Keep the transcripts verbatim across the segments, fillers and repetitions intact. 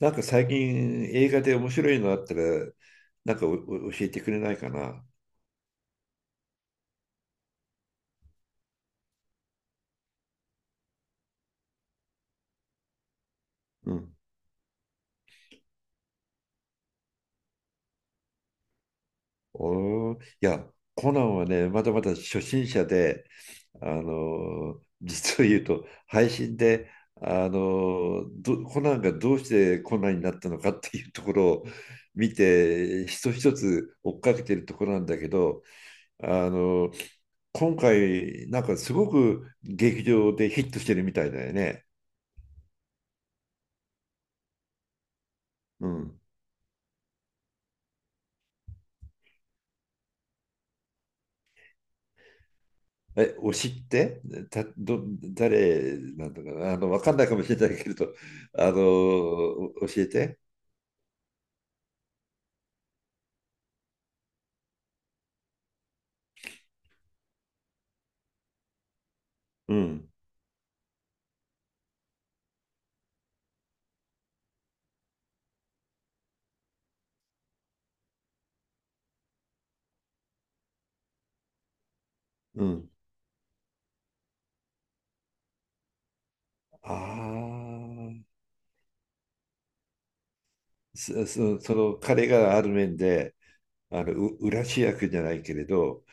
なんか最近映画で面白いのあったら、なんかおお教えてくれないかな。うん。おー、いや、コナンはね、まだまだ初心者で、あのー実を言うと、配信で、あのーど、コナンがどうしてコナンになったのかっていうところを見て、一つ一つ追っかけてるところなんだけど、あのー今回、なんかすごく劇場でヒットしてるみたいだよね。うん。え、推しってた、ど、誰なんだかな、あの、わかんないかもしれないけれど、あの、お教えて。うん、うん。ああ、そ、そその彼がある面で、あの、う裏主役じゃないけれど、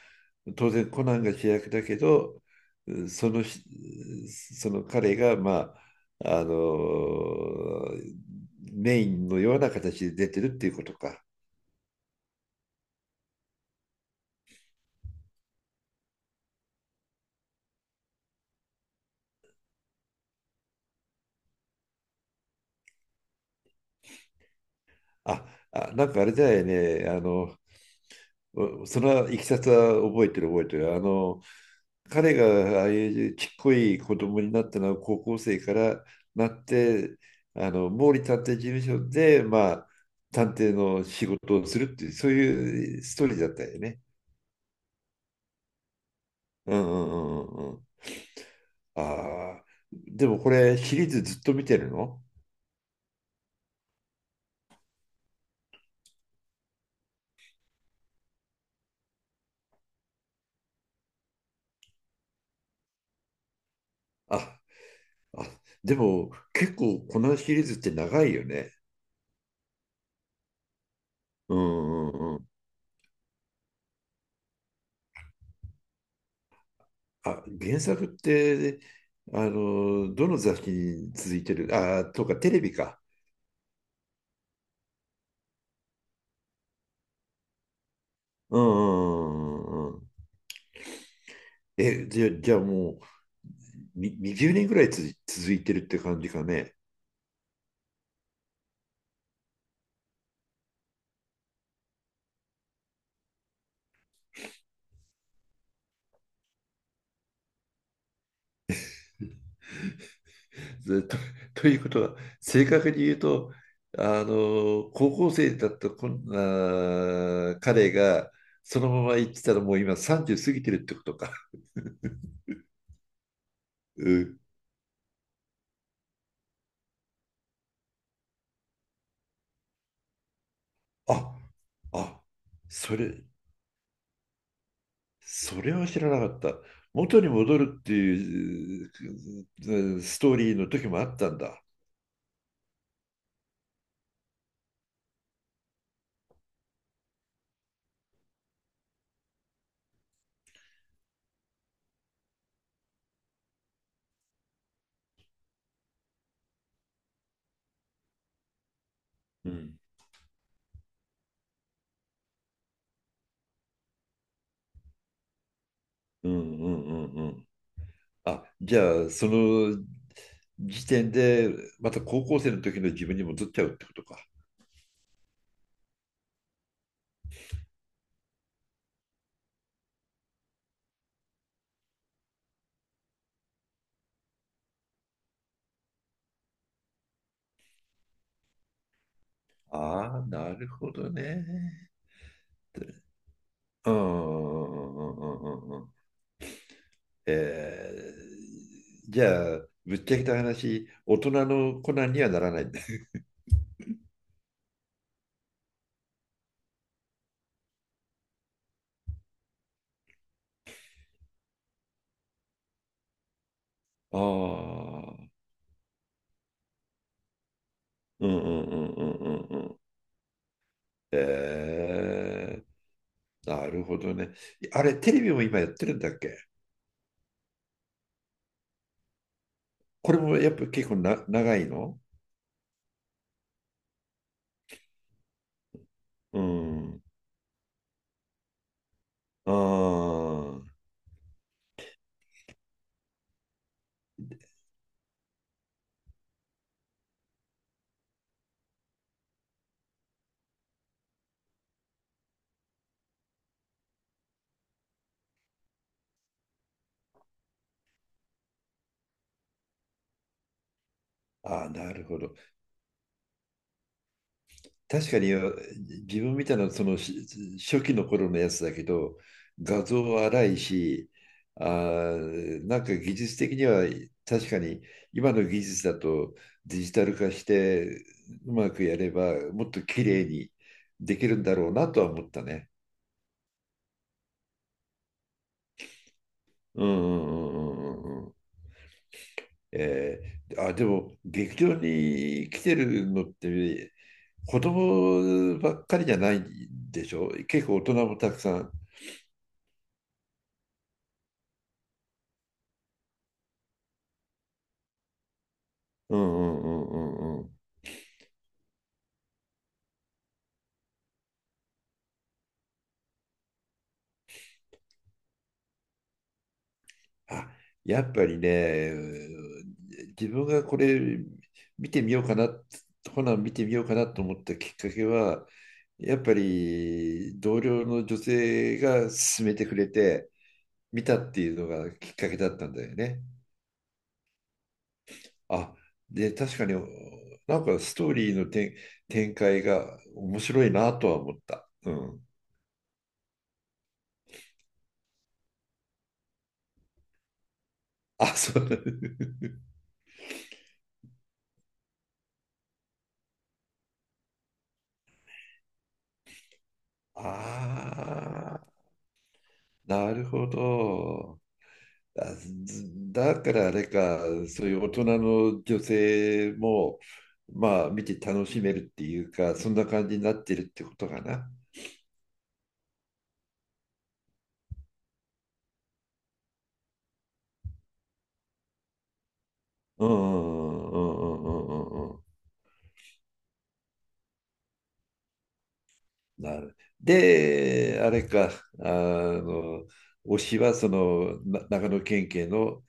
当然コナンが主役だけど、うんそのし、その彼が、まあ、あの、メインのような形で出てるっていうことか。あ、あ、なんかあれだよね、あの、おそのいきさつは覚えてる覚えてる。あの、彼がああいうちっこい子供になったのは高校生からなって、あの、毛利探偵事務所で、まあ、探偵の仕事をするっていう、そういうストーリーだったよね。うんうんうんうんうん。ああ、でもこれシリーズずっと見てるの？あ、あ、でも結構このシリーズって長いよね。うんうん。あ、原作って、あの、どの雑誌に続いてる？あ、とか、テレビか。うんうんうんうんうん。え、じゃ、じゃあもう、ににじゅうねんぐらいつづ続いてるって感じかね。ずっ と、ということは、正確に言うと、あの、高校生だったこんあー彼が、そのまま行ってたらもう今さんじゅう過ぎてるってことか。うん。あ、あ、それ、それは知らなかった。元に戻るっていうえーストーリーの時もあったんだ。うん。うんうんうんうん。あ、じゃあその時点でまた高校生の時の自分に戻っちゃうってことか。ああ、なるほどね。うんうんうんうんうんうん。えー、じゃあぶっちゃけた話、大人のコナンにはならないんだ。ああ、うんうんうんうんうん。えー、なるほどね。あれ、テレビも今やってるんだっけ？これもやっぱ結構な長いの？うん。ああ、あーなるほど。確かに自分みたいなそのし初期の頃のやつだけど、画像は荒いし、あー、なんか技術的には確かに今の技術だとデジタル化してうまくやればもっと綺麗にできるんだろうなとは思ったね。うんうんうんうんうん。えーあ、でも劇場に来てるのって子供ばっかりじゃないでしょ？結構大人もたくさん。うんうんうんうんうん。あ、やっぱりね、自分がこれ見てみようかな、ほな見てみようかなと思ったきっかけは、やっぱり同僚の女性が勧めてくれて見たっていうのがきっかけだったんだよね。あ、で、確かに、なんかストーリーの展、展開が面白いなとは思った。うん。あ、そう。ああ、なるほど。あずだからあれか、そういう大人の女性も、まあ、見て楽しめるっていうか、そんな感じになってるってことかな。うんうんうんうんうんうんうんうん。なる。で、あれか、あの、推しはそのな長野県警の、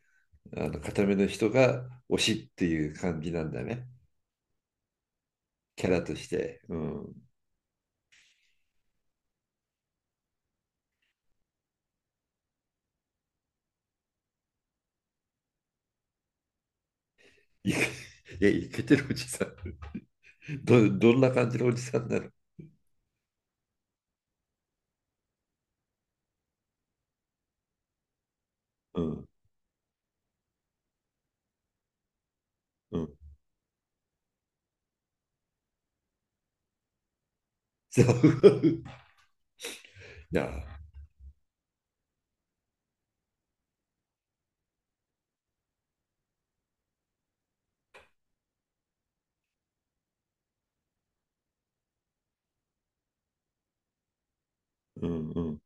あの固めの人が推しっていう感じなんだね、キャラとして。うん。いけ、いや、いけてるおじさん。ど、どんな感じのおじさんなの？うん、うん。そう。いや、うん、うん。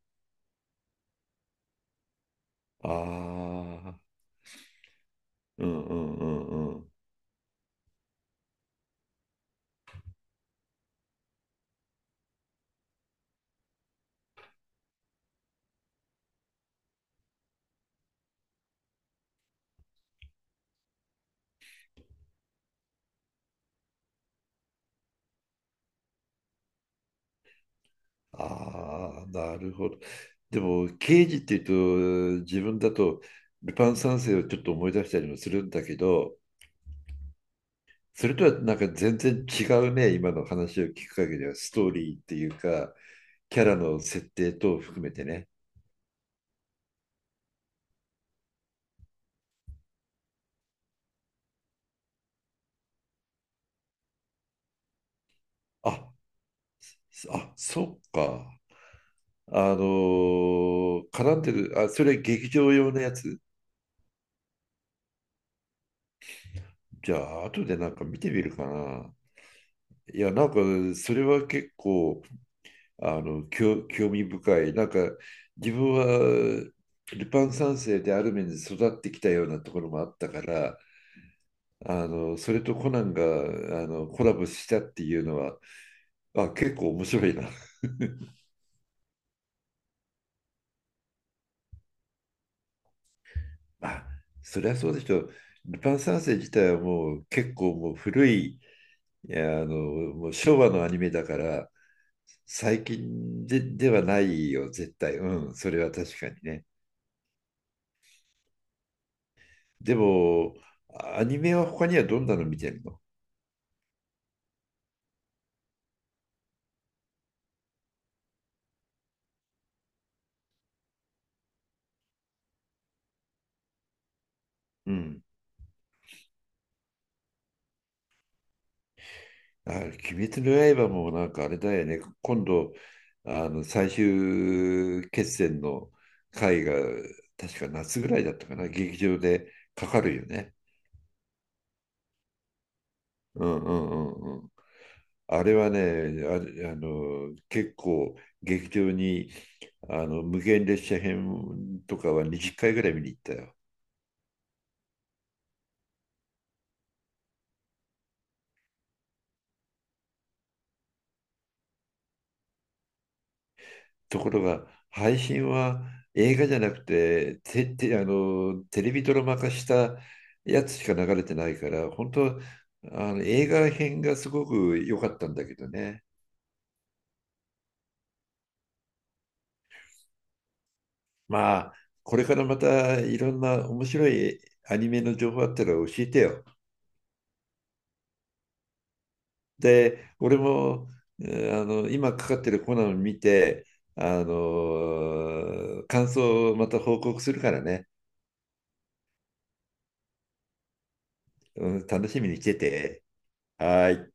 ああ、うん、うん、うん、うん。ああ、なるほど。でも、刑事っていうと、自分だと、ルパン三世をちょっと思い出したりもするんだけど、それとはなんか全然違うね、今の話を聞く限りは、ストーリーっていうか、キャラの設定等を含めてね。あ、あ、そっか。あのー絡んでる、あ、それ劇場用のやつ？じゃあ、後でなんか見てみるかな。いや、なんか、それは結構、あの興、興味深い。なんか自分はルパン三世である面で育ってきたようなところもあったから、あのそれとコナンがあのコラボしたっていうのは、あ、結構面白いな。あ、そりゃそうでしょう。ルパン三世自体はもう結構もう古い、いやあのもう昭和のアニメだから、最近で、ではないよ、絶対。うん、それは確かにね。でも、アニメは他にはどんなの見てるの？うん。あ、鬼滅の刃もなんかあれだよね。今度、あの最終決戦の回が確か夏ぐらいだったかな。劇場でかかるよね。うんうんうんうん。あれはね、あれ、あの結構劇場にあの無限列車編とかはにじゅっかいぐらい見に行ったよ。ところが、配信は映画じゃなくて、て、て、あの、テレビドラマ化したやつしか流れてないから、本当、あの、映画編がすごく良かったんだけどね。まあ、これからまたいろんな面白いアニメの情報あったら教えてよ。で、俺も、えーあの、今かかってるコナンを見て、あの、感想をまた報告するからね。うん、楽しみにしてて。はーい。